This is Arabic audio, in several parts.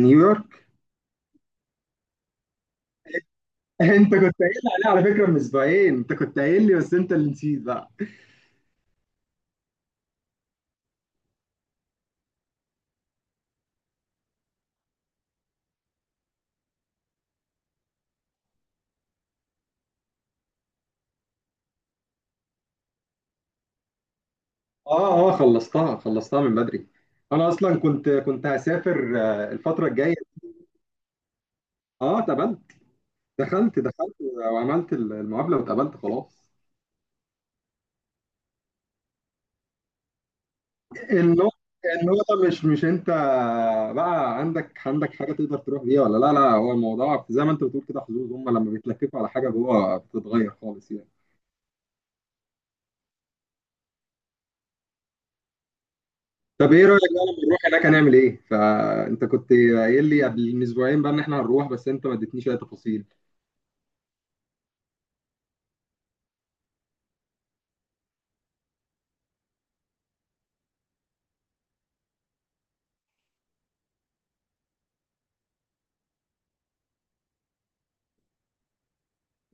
نيويورك. انت كنت قايل لي عليها على فكره من اسبوعين، انت كنت قايل لي، بس انت اللي نسيت بقى. اه، اه، خلصتها خلصتها من بدري. انا اصلا كنت هسافر الفتره الجايه. اه اتقبلت. دخلت دخلت وعملت المقابله واتقبلت خلاص. النقطه النقطه مش انت، بقى عندك حاجه تقدر تروح بيها ولا لا لا، هو الموضوع زي ما انت بتقول كده حظوظ، هم لما بيتلككوا على حاجه جوه بتتغير خالص يعني. طب ايه رايك بقى لما نروح هناك هنعمل ايه؟ فانت كنت قايل لي قبل من اسبوعين بقى ان احنا هنروح، بس انت ما اديتنيش اي تفاصيل.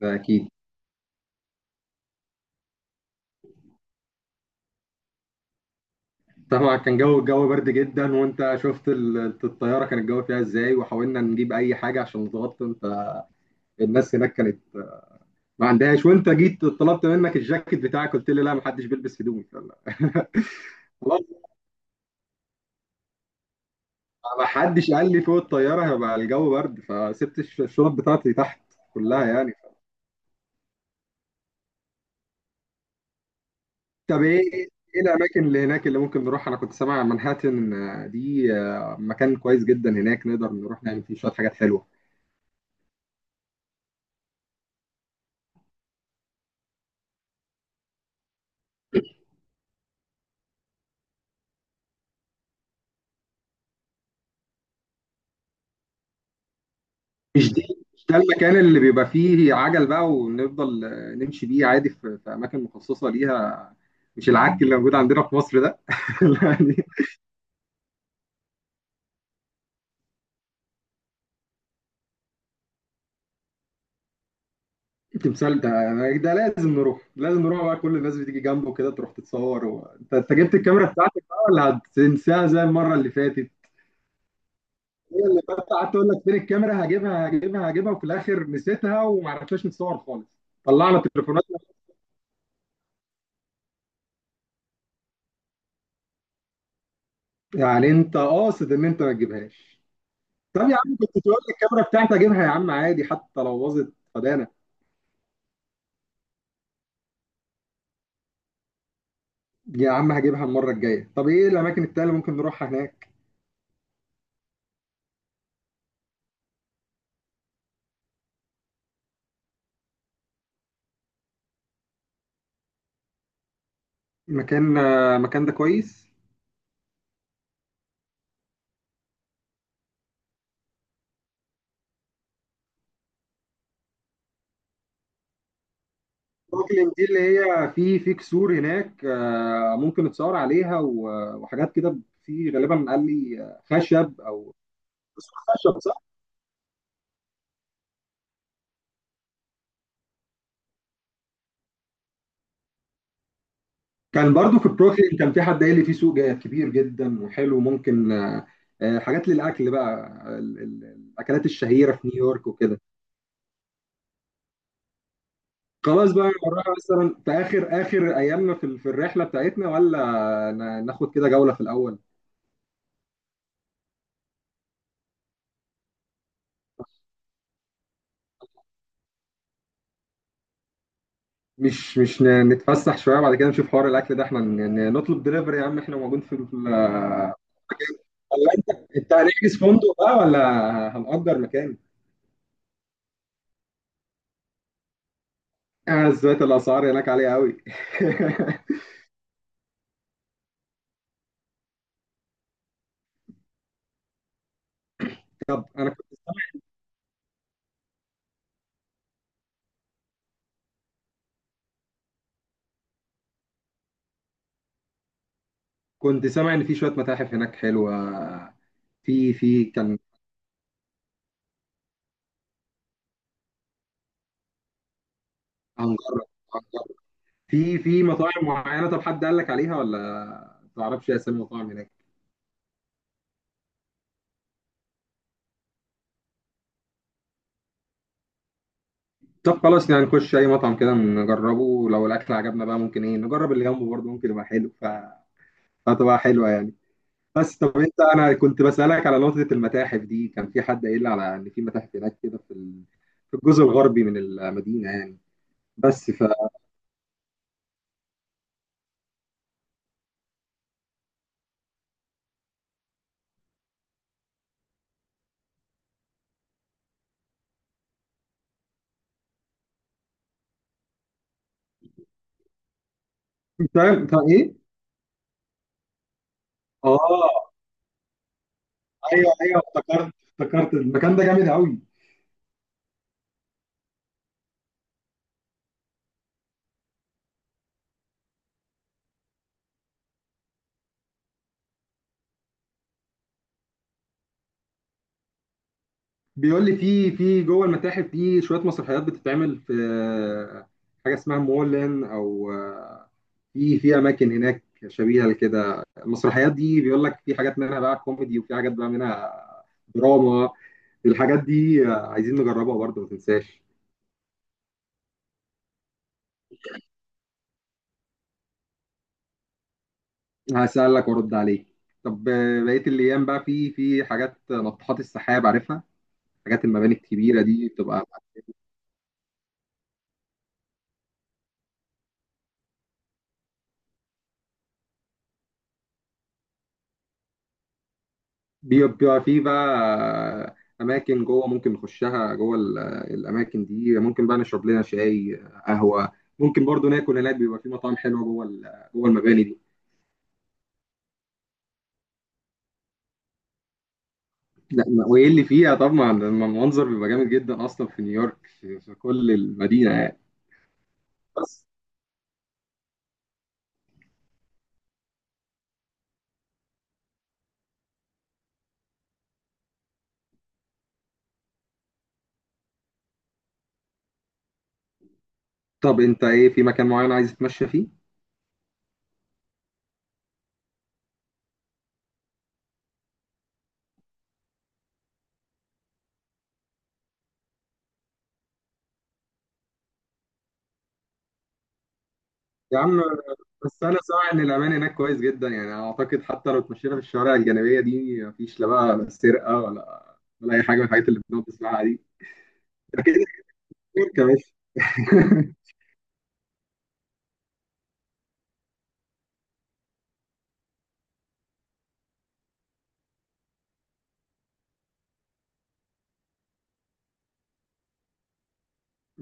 ده اكيد. طبعا كان الجو برد جدا، وانت شفت الطياره كان الجو فيها ازاي، وحاولنا نجيب اي حاجه عشان نتغطى. انت الناس هناك كانت ما عندهاش، وانت جيت طلبت منك الجاكيت بتاعك قلت لي لا، ما حدش بيلبس هدوم خلاص. ما حدش قال لي فوق الطياره هيبقى الجو برد، فسبت الشنط بتاعتي تحت كلها يعني. طب ايه الاماكن اللي هناك اللي ممكن نروح؟ انا كنت سامع منهاتن دي مكان كويس جدا هناك، نقدر نروح نعمل فيه شويه حاجات حلوه. مش ده المكان اللي بيبقى فيه عجل بقى، ونفضل نمشي بيه عادي في اماكن مخصصه ليها، مش العك اللي موجود عندنا في مصر ده. لا، دي- التمثال ده ده لازم نروح، لازم نروح بقى، كل الناس بتيجي جنبه كده تروح تتصور و أنت جبت الكاميرا بتاعتك بقى ولا هتنساها زي المره اللي فاتت؟ هي اللي بس قعدت اقول لك فين الكاميرا، هجيبها هجيبها هجيبها، وفي الاخر نسيتها وما عرفناش نتصور خالص. طلعنا تليفوناتنا. يعني انت قاصد ان انت ما تجيبهاش؟ طب يا عم، كنت تقول لي الكاميرا بتاعتي هجيبها، يا عم عادي حتى لو باظت فدانا. يا عم هجيبها المره الجايه. طب ايه الاماكن التانيه اللي ممكن نروحها هناك؟ مكان ده كويس. بروكلين دي اللي هي في كسور هناك، ممكن نتصور عليها وحاجات كده، في غالبا قال لي خشب. كان برضو في بروكلين كان في حد قال لي في سوق كبير جدا وحلو، ممكن حاجات للاكل بقى، ال- ال- الاكلات الشهيره في نيويورك وكده. خلاص بقى نروح مثلا في اخر اخر ايامنا في في الرحله بتاعتنا، ولا ناخد كده جوله في الاول؟ مش مش نتفسح شويه بعد كده نشوف حوار الاكل ده، احنا نطلب دليفري يا عم، احنا موجود في ولا انت هنحجز فندق بقى ولا هنأجر مكان؟ زيادة الاسعار هناك عاليه قوي. انا كنت سامع ان في شويه متاحف هناك حلوه، في في كان هنجرب هنجرب، في مطاعم معينه. طب حد قال لك عليها ولا؟ ما تعرفش اسامي مطاعم هناك؟ طب خلاص، يعني نخش اي مطعم كده نجربه، لو الاكل عجبنا بقى ممكن ايه نجرب اللي جنبه برضه ممكن يبقى حلو فتبقى حلوه يعني. بس طب انت، انا كنت بسالك على نقطه المتاحف دي، كان في حد قايل لي على ان في متاحف هناك كده في في الجزء الغربي من المدينه يعني، بس ف إنت ايه؟ اه، ايوه، ايوه، افتكرت افتكرت، المكان ده جامد قوي. بيقول لي في جوه المتاحف في شويه مسرحيات بتتعمل في حاجه اسمها مولان، او في اماكن هناك شبيهه لكده، المسرحيات دي بيقول لك في حاجات منها بقى كوميدي، وفي حاجات بقى منها دراما. الحاجات دي عايزين نجربها برضه، ما تنساش. هسألك وارد عليك. طب بقيه الايام بقى، في حاجات ناطحات السحاب عارفها، حاجات المباني الكبيره دي بتبقى. بيبقى في بقى اماكن جوه ممكن نخشها جوه الاماكن دي، ممكن بقى نشرب لنا شاي، قهوه، ممكن برضو ناكل هناك، بيبقى في مطاعم حلوه جوه جوه المباني دي. لا وايه اللي فيها؟ طبعا المنظر بيبقى جامد جدا اصلا في نيويورك، في كل المدينه يعني. بس طب انت ايه، في مكان معين عايز تتمشى فيه؟ يا عم. بس انا سامع ان الامان هناك كويس جدا، يعني اعتقد حتى لو اتمشينا في الشوارع الجانبيه دي مفيش لا بقى سرقه ولا اي حاجه من الحاجات اللي بنقعد نسمعها دي. اكيد يا باشا.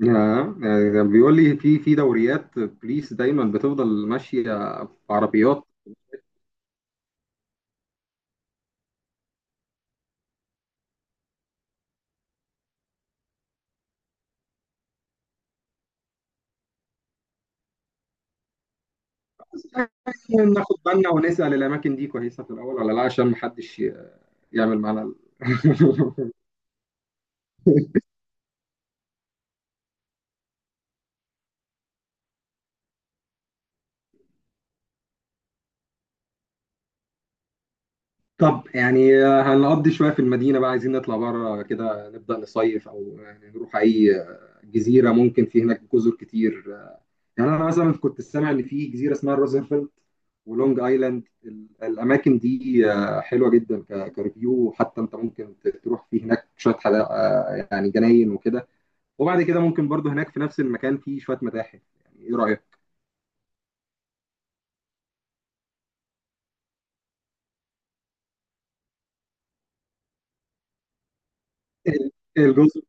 يعني ده بيقول لي في دوريات بوليس دايما بتفضل ماشيه، بعربيات. بس يعني ناخد بالنا ونسال الاماكن دي كويسه في الاول ولا لا، عشان محدش يعمل معانا طب يعني هنقضي شويه في المدينه بقى، عايزين نطلع بره كده نبدا نصيف، او يعني نروح اي جزيره ممكن، في هناك جزر كتير. يعني انا مثلا كنت سامع ان في جزيره اسمها روزنفلد ولونج ايلاند، الاماكن دي حلوه جدا، كريفيو حتى، انت ممكن تروح في هناك شويه حدا، يعني جناين وكده، وبعد كده ممكن برضو هناك في نفس المكان في شويه متاحف، يعني ايه رايك؟ ال- الجزر،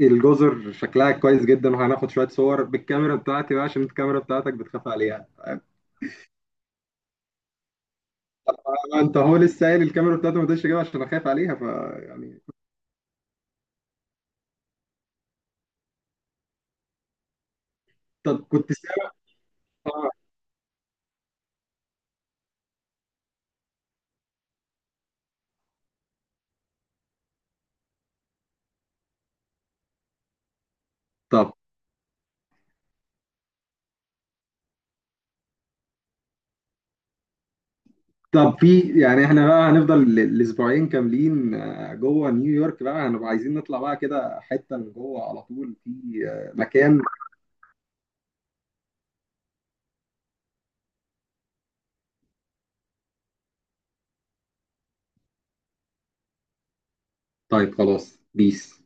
الجزر شكلها كويس جدا، وهناخد شويه صور بالكاميرا بتاعتي بقى عشان الكاميرا بتاعتك بتخاف عليها. طبعا انت هو لسه قايل الكاميرا بتاعته ما تقدرش اجيبها عشان اخاف عليها يعني. طب كنت سامع آه، طب طب في يعني، احنا بقى هنفضل الاسبوعين كاملين جوه نيويورك بقى، هنبقى عايزين نطلع بقى كده حتة من جوه على طول، في مكان. طيب خلاص بيس.